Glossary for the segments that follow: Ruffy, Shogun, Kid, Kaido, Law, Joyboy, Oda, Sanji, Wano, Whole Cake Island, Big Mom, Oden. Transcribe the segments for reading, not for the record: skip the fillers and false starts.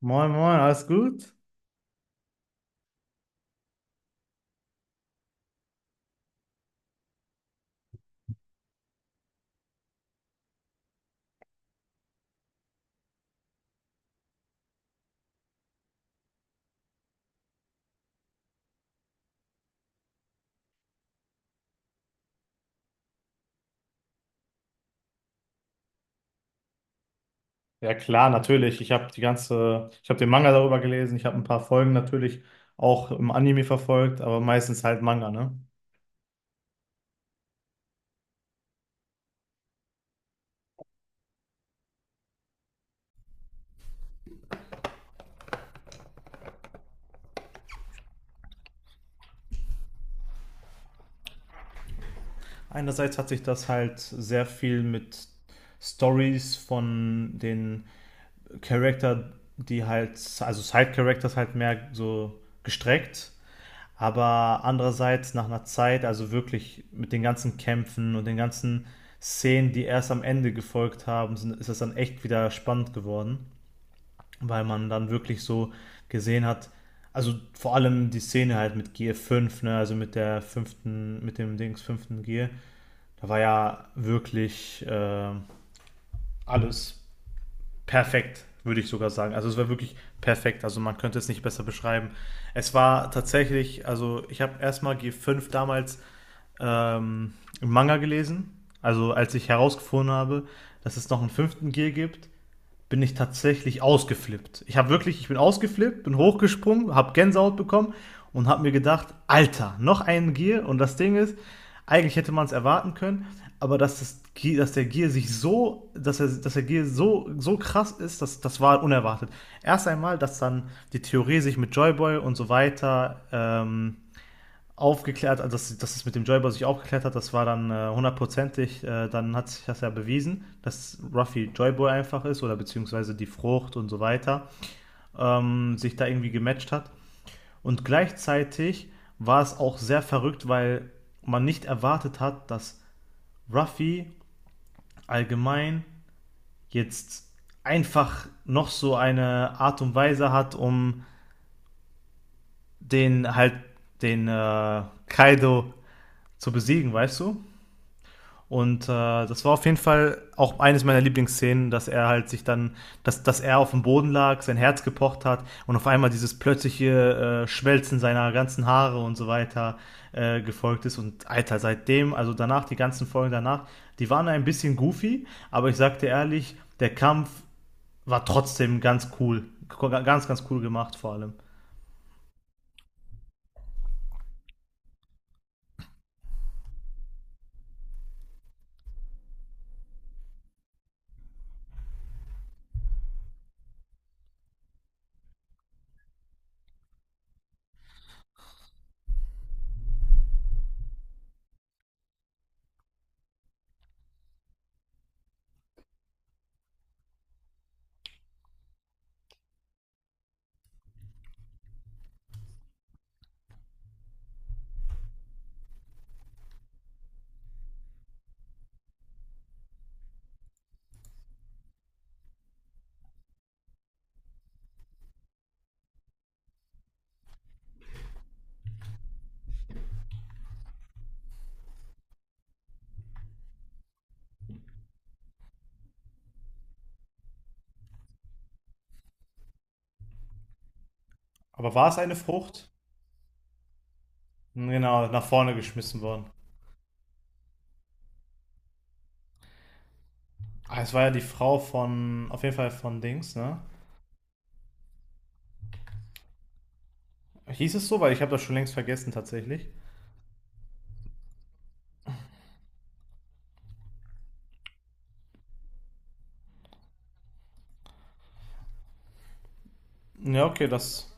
Moin, moin, alles gut? Ja klar, natürlich. Ich habe den Manga darüber gelesen, ich habe ein paar Folgen natürlich auch im Anime verfolgt, aber meistens halt Manga, ne? Einerseits hat sich das halt sehr viel mit Stories von den Charakter, die halt, also Side-Characters halt mehr so gestreckt. Aber andererseits nach einer Zeit, also wirklich mit den ganzen Kämpfen und den ganzen Szenen, die erst am Ende gefolgt haben, ist es dann echt wieder spannend geworden, weil man dann wirklich so gesehen hat, also vor allem die Szene halt mit g 5, ne, also mit der fünften, mit dem Dings fünften Gear. Da war ja wirklich alles perfekt, würde ich sogar sagen. Also es war wirklich perfekt, also man könnte es nicht besser beschreiben. Es war tatsächlich, also ich habe erstmal g 5 damals ähm, einen Manga gelesen. Also als ich herausgefunden habe, dass es noch einen fünften Gear gibt, bin ich tatsächlich ausgeflippt. Ich bin ausgeflippt, bin hochgesprungen, habe Gänsehaut bekommen und habe mir gedacht, Alter, noch einen Gear. Und das Ding ist, eigentlich hätte man es erwarten können, aber dass der Gear sich so, dass, er, dass der Gear so, so krass ist, das war unerwartet. Erst einmal, dass dann die Theorie sich mit Joyboy und so weiter aufgeklärt, also dass es mit dem Joyboy sich aufgeklärt hat, das war dann hundertprozentig, dann hat sich das ja bewiesen, dass Ruffy Joyboy einfach ist oder beziehungsweise die Frucht und so weiter sich da irgendwie gematcht hat. Und gleichzeitig war es auch sehr verrückt, weil man nicht erwartet hat, dass Ruffy allgemein jetzt einfach noch so eine Art und Weise hat, um den halt den Kaido zu besiegen, weißt du? Und das war auf jeden Fall auch eines meiner Lieblingsszenen, dass er halt sich dann, dass er auf dem Boden lag, sein Herz gepocht hat und auf einmal dieses plötzliche Schmelzen seiner ganzen Haare und so weiter gefolgt ist. Und Alter, seitdem, also danach, die ganzen Folgen danach, die waren ein bisschen goofy, aber ich sagte ehrlich, der Kampf war trotzdem ganz cool. Ganz, ganz cool gemacht vor allem. Aber war es eine Frucht? Genau, nach vorne geschmissen worden. Ah, es war ja die Frau von, auf jeden Fall von Dings, ne? Hieß es so? Weil ich habe das schon längst vergessen tatsächlich. Ja, okay, das.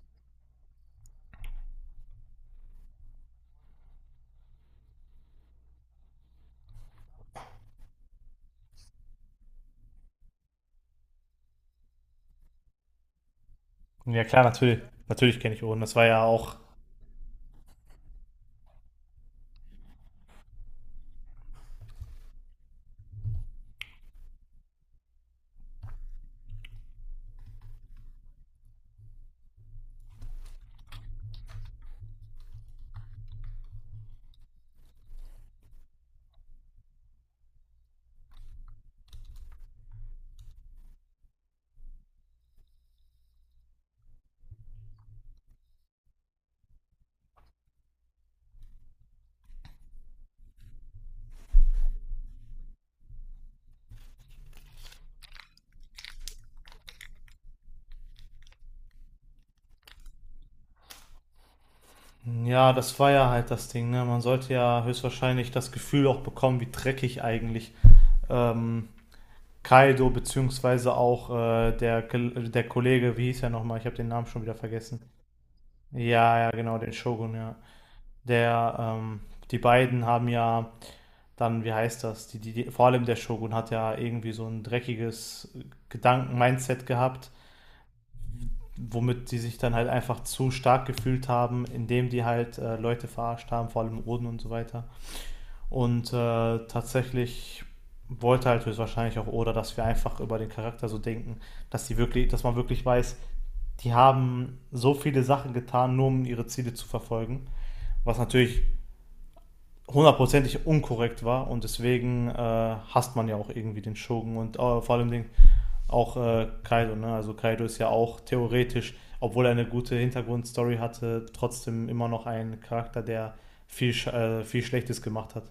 Ja klar, natürlich. Natürlich kenne ich Oden. Das war ja auch. Ja, das war ja halt das Ding, ne? Man sollte ja höchstwahrscheinlich das Gefühl auch bekommen, wie dreckig eigentlich ähm, Kaido beziehungsweise auch der, der Kollege, wie hieß er nochmal? Ich habe den Namen schon wieder vergessen. Ja, ja, genau, den Shogun, ja. Der, die beiden haben ja dann, wie heißt das? Die, vor allem der Shogun hat ja irgendwie so ein dreckiges Gedanken-Mindset gehabt, womit die sich dann halt einfach zu stark gefühlt haben, indem die halt Leute verarscht haben, vor allem Oden und so weiter. Und tatsächlich wollte halt höchstwahrscheinlich auch Oda, dass wir einfach über den Charakter so denken, dass die wirklich, dass man wirklich weiß, die haben so viele Sachen getan, nur um ihre Ziele zu verfolgen, was natürlich hundertprozentig unkorrekt war, und deswegen hasst man ja auch irgendwie den Shogun und vor allem den auch Kaido, ne? Also Kaido ist ja auch theoretisch, obwohl er eine gute Hintergrundstory hatte, trotzdem immer noch ein Charakter, der viel, viel Schlechtes gemacht hat.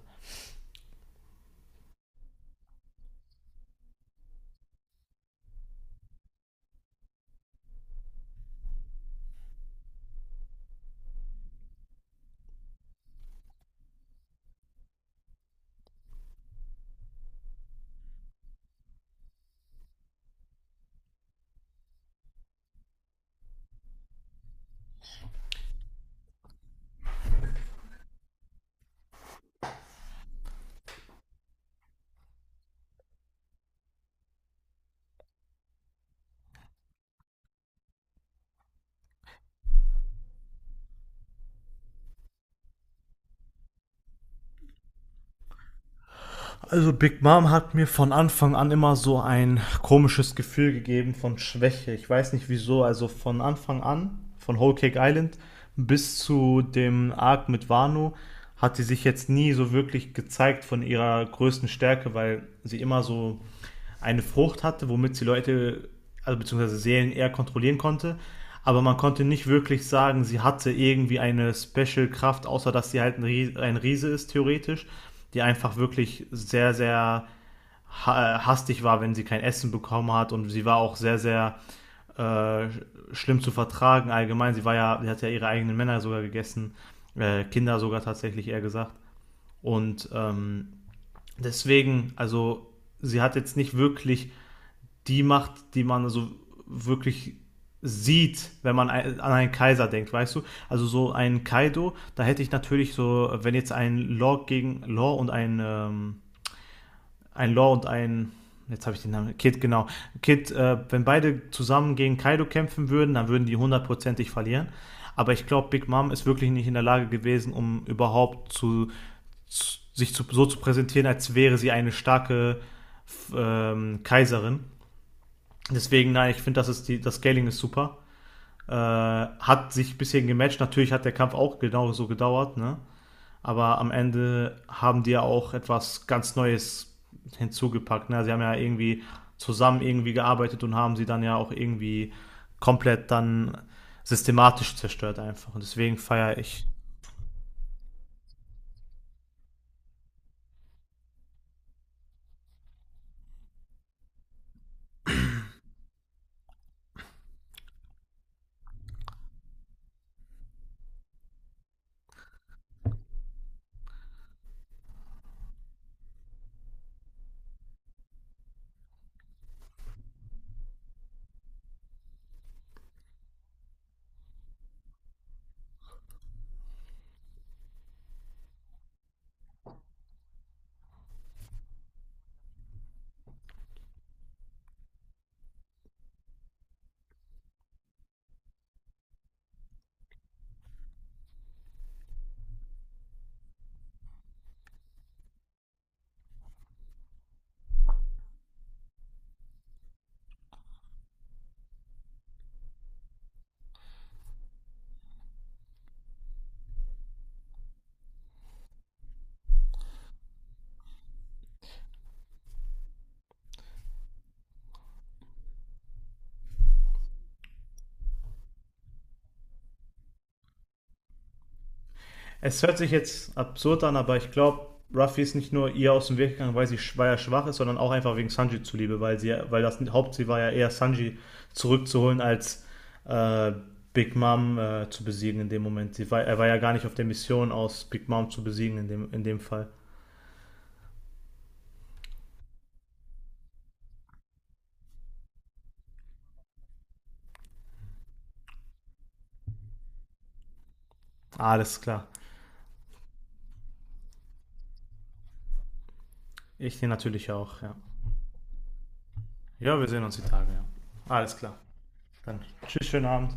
Also Big Mom hat mir von Anfang an immer so ein komisches Gefühl gegeben von Schwäche. Ich weiß nicht wieso. Also von Anfang an, von Whole Cake Island bis zu dem Arc mit Wano, hat sie sich jetzt nie so wirklich gezeigt von ihrer größten Stärke, weil sie immer so eine Frucht hatte, womit sie Leute, also beziehungsweise Seelen eher kontrollieren konnte. Aber man konnte nicht wirklich sagen, sie hatte irgendwie eine Special-Kraft, außer dass sie halt ein ein Riese ist, theoretisch, die einfach wirklich sehr, sehr hastig war, wenn sie kein Essen bekommen hat. Und sie war auch sehr, sehr äh, schlimm zu vertragen allgemein. Sie war ja, sie hat ja ihre eigenen Männer sogar gegessen, Kinder sogar tatsächlich eher gesagt. Und deswegen, also sie hat jetzt nicht wirklich die macht, die man so wirklich sieht, wenn man an einen Kaiser denkt, weißt du? Also so ein Kaido, da hätte ich natürlich so, wenn jetzt ein Law gegen Law und ein Law und jetzt habe ich den Namen, Kid, genau, Kid, wenn beide zusammen gegen Kaido kämpfen würden, dann würden die hundertprozentig verlieren. Aber ich glaube, Big Mom ist wirklich nicht in der Lage gewesen, um überhaupt zu, sich zu, so zu präsentieren, als wäre sie eine starke Kaiserin. Deswegen, nein, ich finde, das Scaling ist super. Hat sich bisher gematcht. Natürlich hat der Kampf auch genau so gedauert, ne? Aber am Ende haben die ja auch etwas ganz Neues hinzugepackt. Ne? Sie haben ja irgendwie zusammen irgendwie gearbeitet und haben sie dann ja auch irgendwie komplett dann systematisch zerstört einfach. Und deswegen feiere ich. Es hört sich jetzt absurd an, aber ich glaube, Ruffy ist nicht nur ihr aus dem Weg gegangen, weil er schwach ist, sondern auch einfach wegen Sanji zuliebe, weil das Hauptziel war ja eher Sanji zurückzuholen als äh, Big Mom zu besiegen in dem Moment. Er war ja gar nicht auf der Mission aus Big Mom zu besiegen in in dem Fall. Alles klar. Ich den natürlich auch, ja. Ja, wir sehen uns die Tage, ja. Alles klar. Dann tschüss, schönen Abend.